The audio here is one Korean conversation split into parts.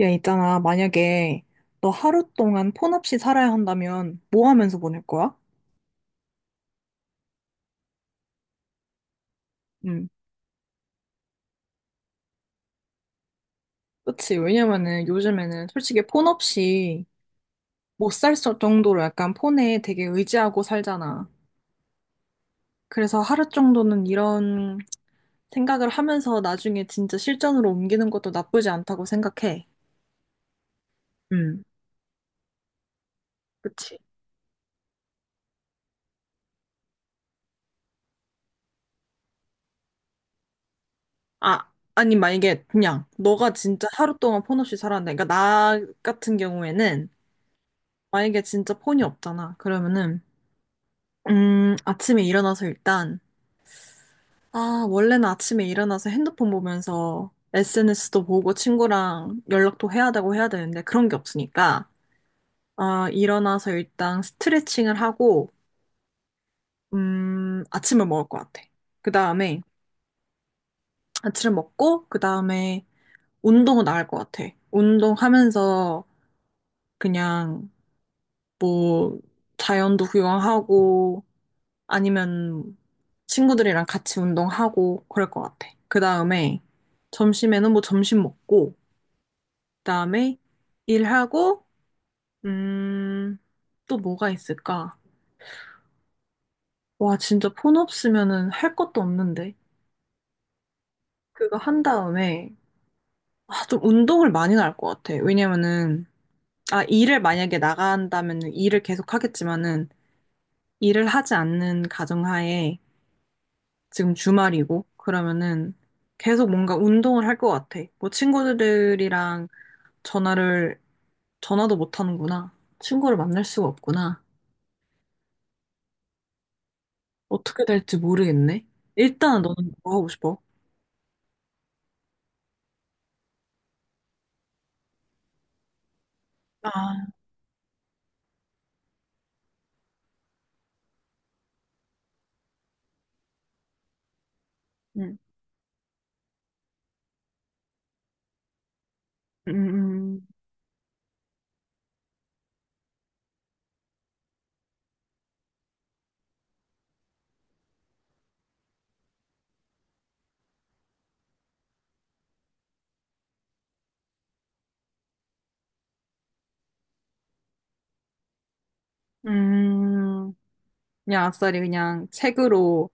야, 있잖아. 만약에 너 하루 동안 폰 없이 살아야 한다면 뭐 하면서 보낼 거야? 응. 그치. 왜냐면은 요즘에는 솔직히 폰 없이 못 살 정도로 약간 폰에 되게 의지하고 살잖아. 그래서 하루 정도는 이런 생각을 하면서 나중에 진짜 실전으로 옮기는 것도 나쁘지 않다고 생각해. 응. 그치. 아, 아니, 만약에 그냥 너가 진짜 하루 동안 폰 없이 살았는데, 그러니까 나 같은 경우에는 만약에 진짜 폰이 없잖아. 그러면은 아침에 일어나서 일단, 아, 원래는 아침에 일어나서 핸드폰 보면서 SNS도 보고 친구랑 연락도 해야 되고 해야 되는데 그런 게 없으니까, 아, 일어나서 일단 스트레칭을 하고, 아침을 먹을 것 같아. 그 다음에 아침을 먹고, 그 다음에 운동은 나갈 것 같아. 운동하면서 그냥 뭐 자연도 구경하고, 아니면 친구들이랑 같이 운동하고 그럴 것 같아. 그 다음에 점심에는 뭐 점심 먹고, 그 다음에 일하고, 음, 또 뭐가 있을까? 와, 진짜 폰 없으면은 할 것도 없는데. 그거 한 다음에, 아, 좀 운동을 많이 할 것 같아. 왜냐면은, 아, 일을 만약에 나간다면 일을 계속 하겠지만은, 일을 하지 않는 가정하에 지금 주말이고, 그러면은 계속 뭔가 운동을 할 것 같아. 뭐 친구들이랑 전화를, 전화도 못 하는구나. 친구를 만날 수가 없구나. 어떻게 될지 모르겠네. 일단 너는 뭐 하고 싶어? 아. 음. 음. 음. 음. 그냥 아싸리 그냥 책으로,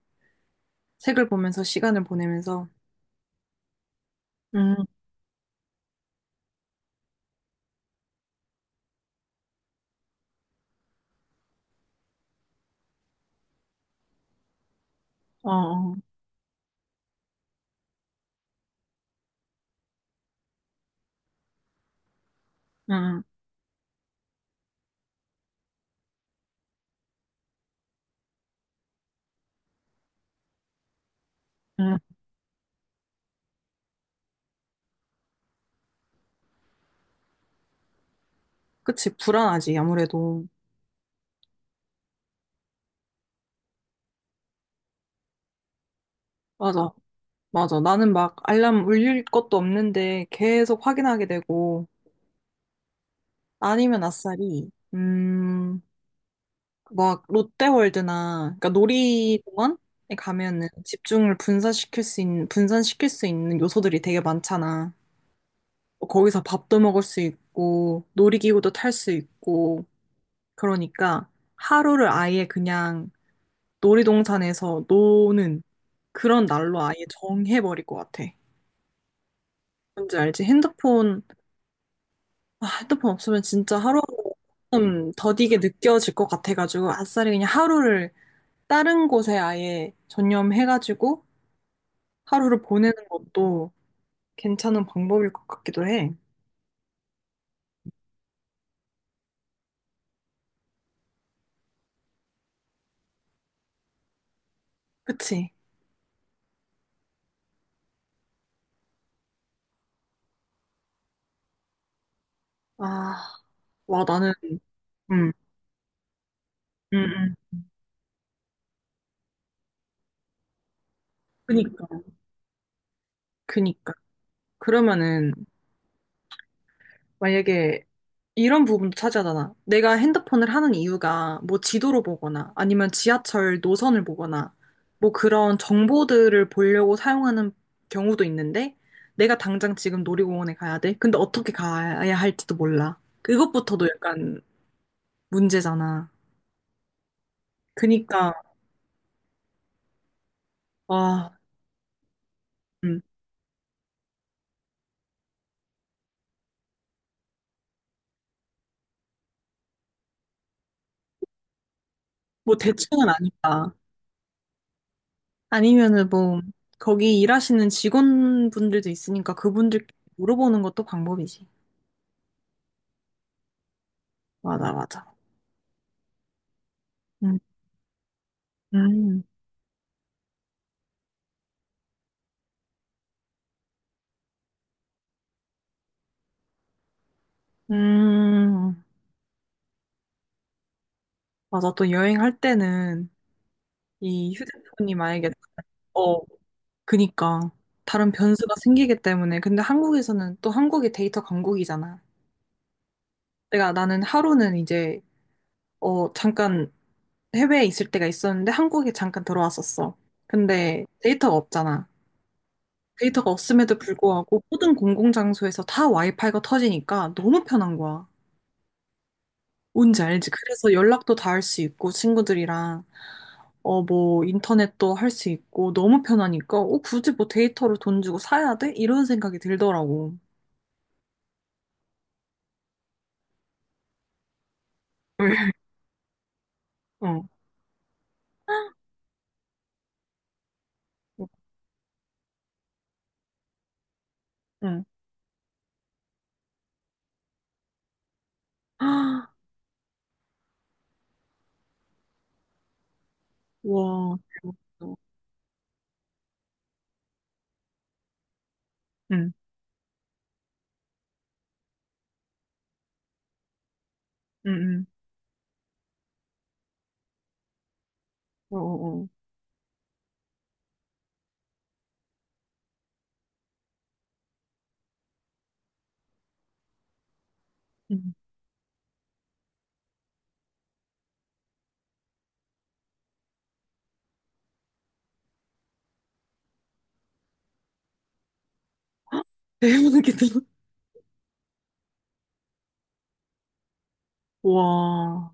책을 보면서 시간을 보내면서. 음. 어, 어. 음. 음. 그치, 불안하지, 아무래도. 맞아. 맞아. 나는 막 알람 울릴 것도 없는데 계속 확인하게 되고 아니면 아싸리 막 롯데월드나 그러니까 놀이공원에 가면은 집중을 분산시킬 수 있는 분산시킬 수 있는 요소들이 되게 많잖아. 뭐 거기서 밥도 먹을 수 있고 놀이기구도 탈 수 있고 그러니까 하루를 아예 그냥 놀이동산에서 노는 그런 날로 아예 정해버릴 것 같아. 뭔지 알지? 핸드폰. 아, 핸드폰 없으면 진짜 하루좀 더디게 느껴질 것 같아가지고 아싸리 그냥 하루를 다른 곳에 아예 전념해가지고 하루를 보내는 것도 괜찮은 방법일 것 같기도 해. 그치? 아, 와 나는. 음. 음. 음. 그니까, 그니까. 그러면은 만약에 이런 부분도 차지하잖아. 내가 핸드폰을 하는 이유가 뭐 지도로 보거나 아니면 지하철 노선을 보거나 뭐 그런 정보들을 보려고 사용하는 경우도 있는데 내가 당장 지금 놀이공원에 가야 돼. 근데 어떻게 가야 할지도 몰라. 그것부터도 약간 문제잖아. 그니까. 와. 음. 뭐 대충은 아니다. 아니면은 뭐 거기 일하시는 직원분들도 있으니까 그분들께 물어보는 것도 방법이지. 맞아, 맞아. 음. 음. 음. 맞아. 또 여행할 때는 이 휴대폰이 만약에, 어, 그니까. 다른 변수가 생기기 때문에. 근데 한국에서는 또 한국이 데이터 강국이잖아. 내가 나는 하루는 이제, 어, 잠깐 해외에 있을 때가 있었는데 한국에 잠깐 들어왔었어. 근데 데이터가 없잖아. 데이터가 없음에도 불구하고 모든 공공장소에서 다 와이파이가 터지니까 너무 편한 거야. 뭔지 알지? 그래서 연락도 다 할 수 있고, 친구들이랑, 어, 뭐, 인터넷도 할 수 있고, 너무 편하니까, 어, 굳이 뭐 데이터를 돈 주고 사야 돼? 이런 생각이 들더라고. 어. 응. 와, 대박이다. 응, 응, 응. 어, 어, 어. 응. 대박이다. 와.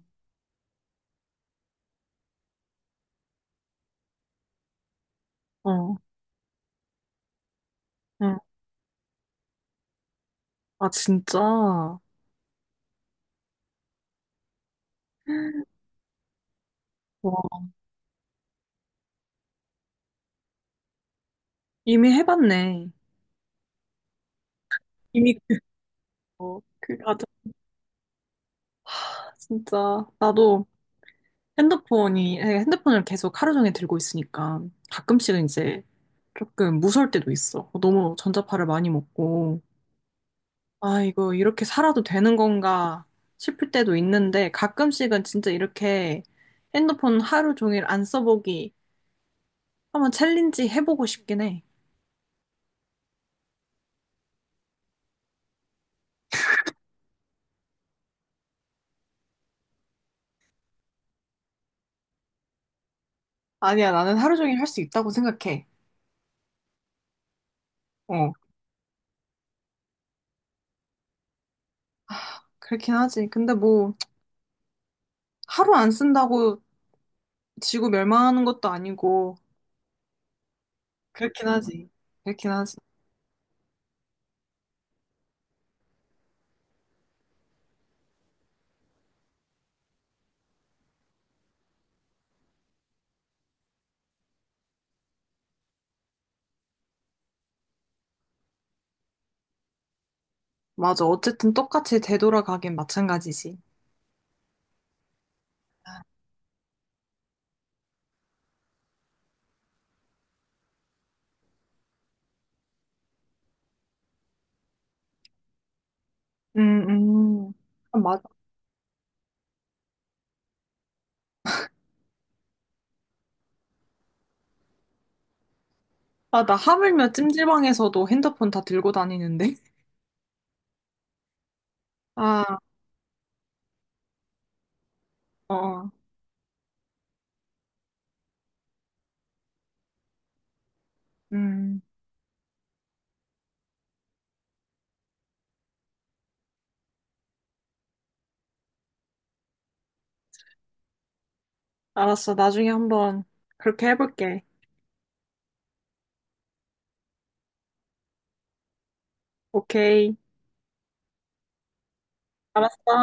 어. 응. 아, 진짜. 와. 이미 해봤네. 이미, 그, 어, 그, 맞아. 진짜. 나도. 핸드폰이, 예, 핸드폰을 계속 하루 종일 들고 있으니까 가끔씩은 이제 조금 무서울 때도 있어. 너무 전자파를 많이 먹고, 아, 이거 이렇게 살아도 되는 건가 싶을 때도 있는데 가끔씩은 진짜 이렇게 핸드폰 하루 종일 안 써보기 한번 챌린지 해보고 싶긴 해. 아니야, 나는 하루 종일 할 수 있다고 생각해. 어, 그렇긴 하지. 근데 뭐 하루 안 쓴다고 지구 멸망하는 것도 아니고, 그렇긴 하지. 그렇긴 하지. 맞아. 어쨌든 똑같이 되돌아가긴 마찬가지지. 음, 음. 아, 맞아. 아, 나 하물며 찜질방에서도 핸드폰 다 들고 다니는데. 아, 어, 어. 음. 알았어. 나중에 한번 그렇게 해볼게. 오케이. 알았어.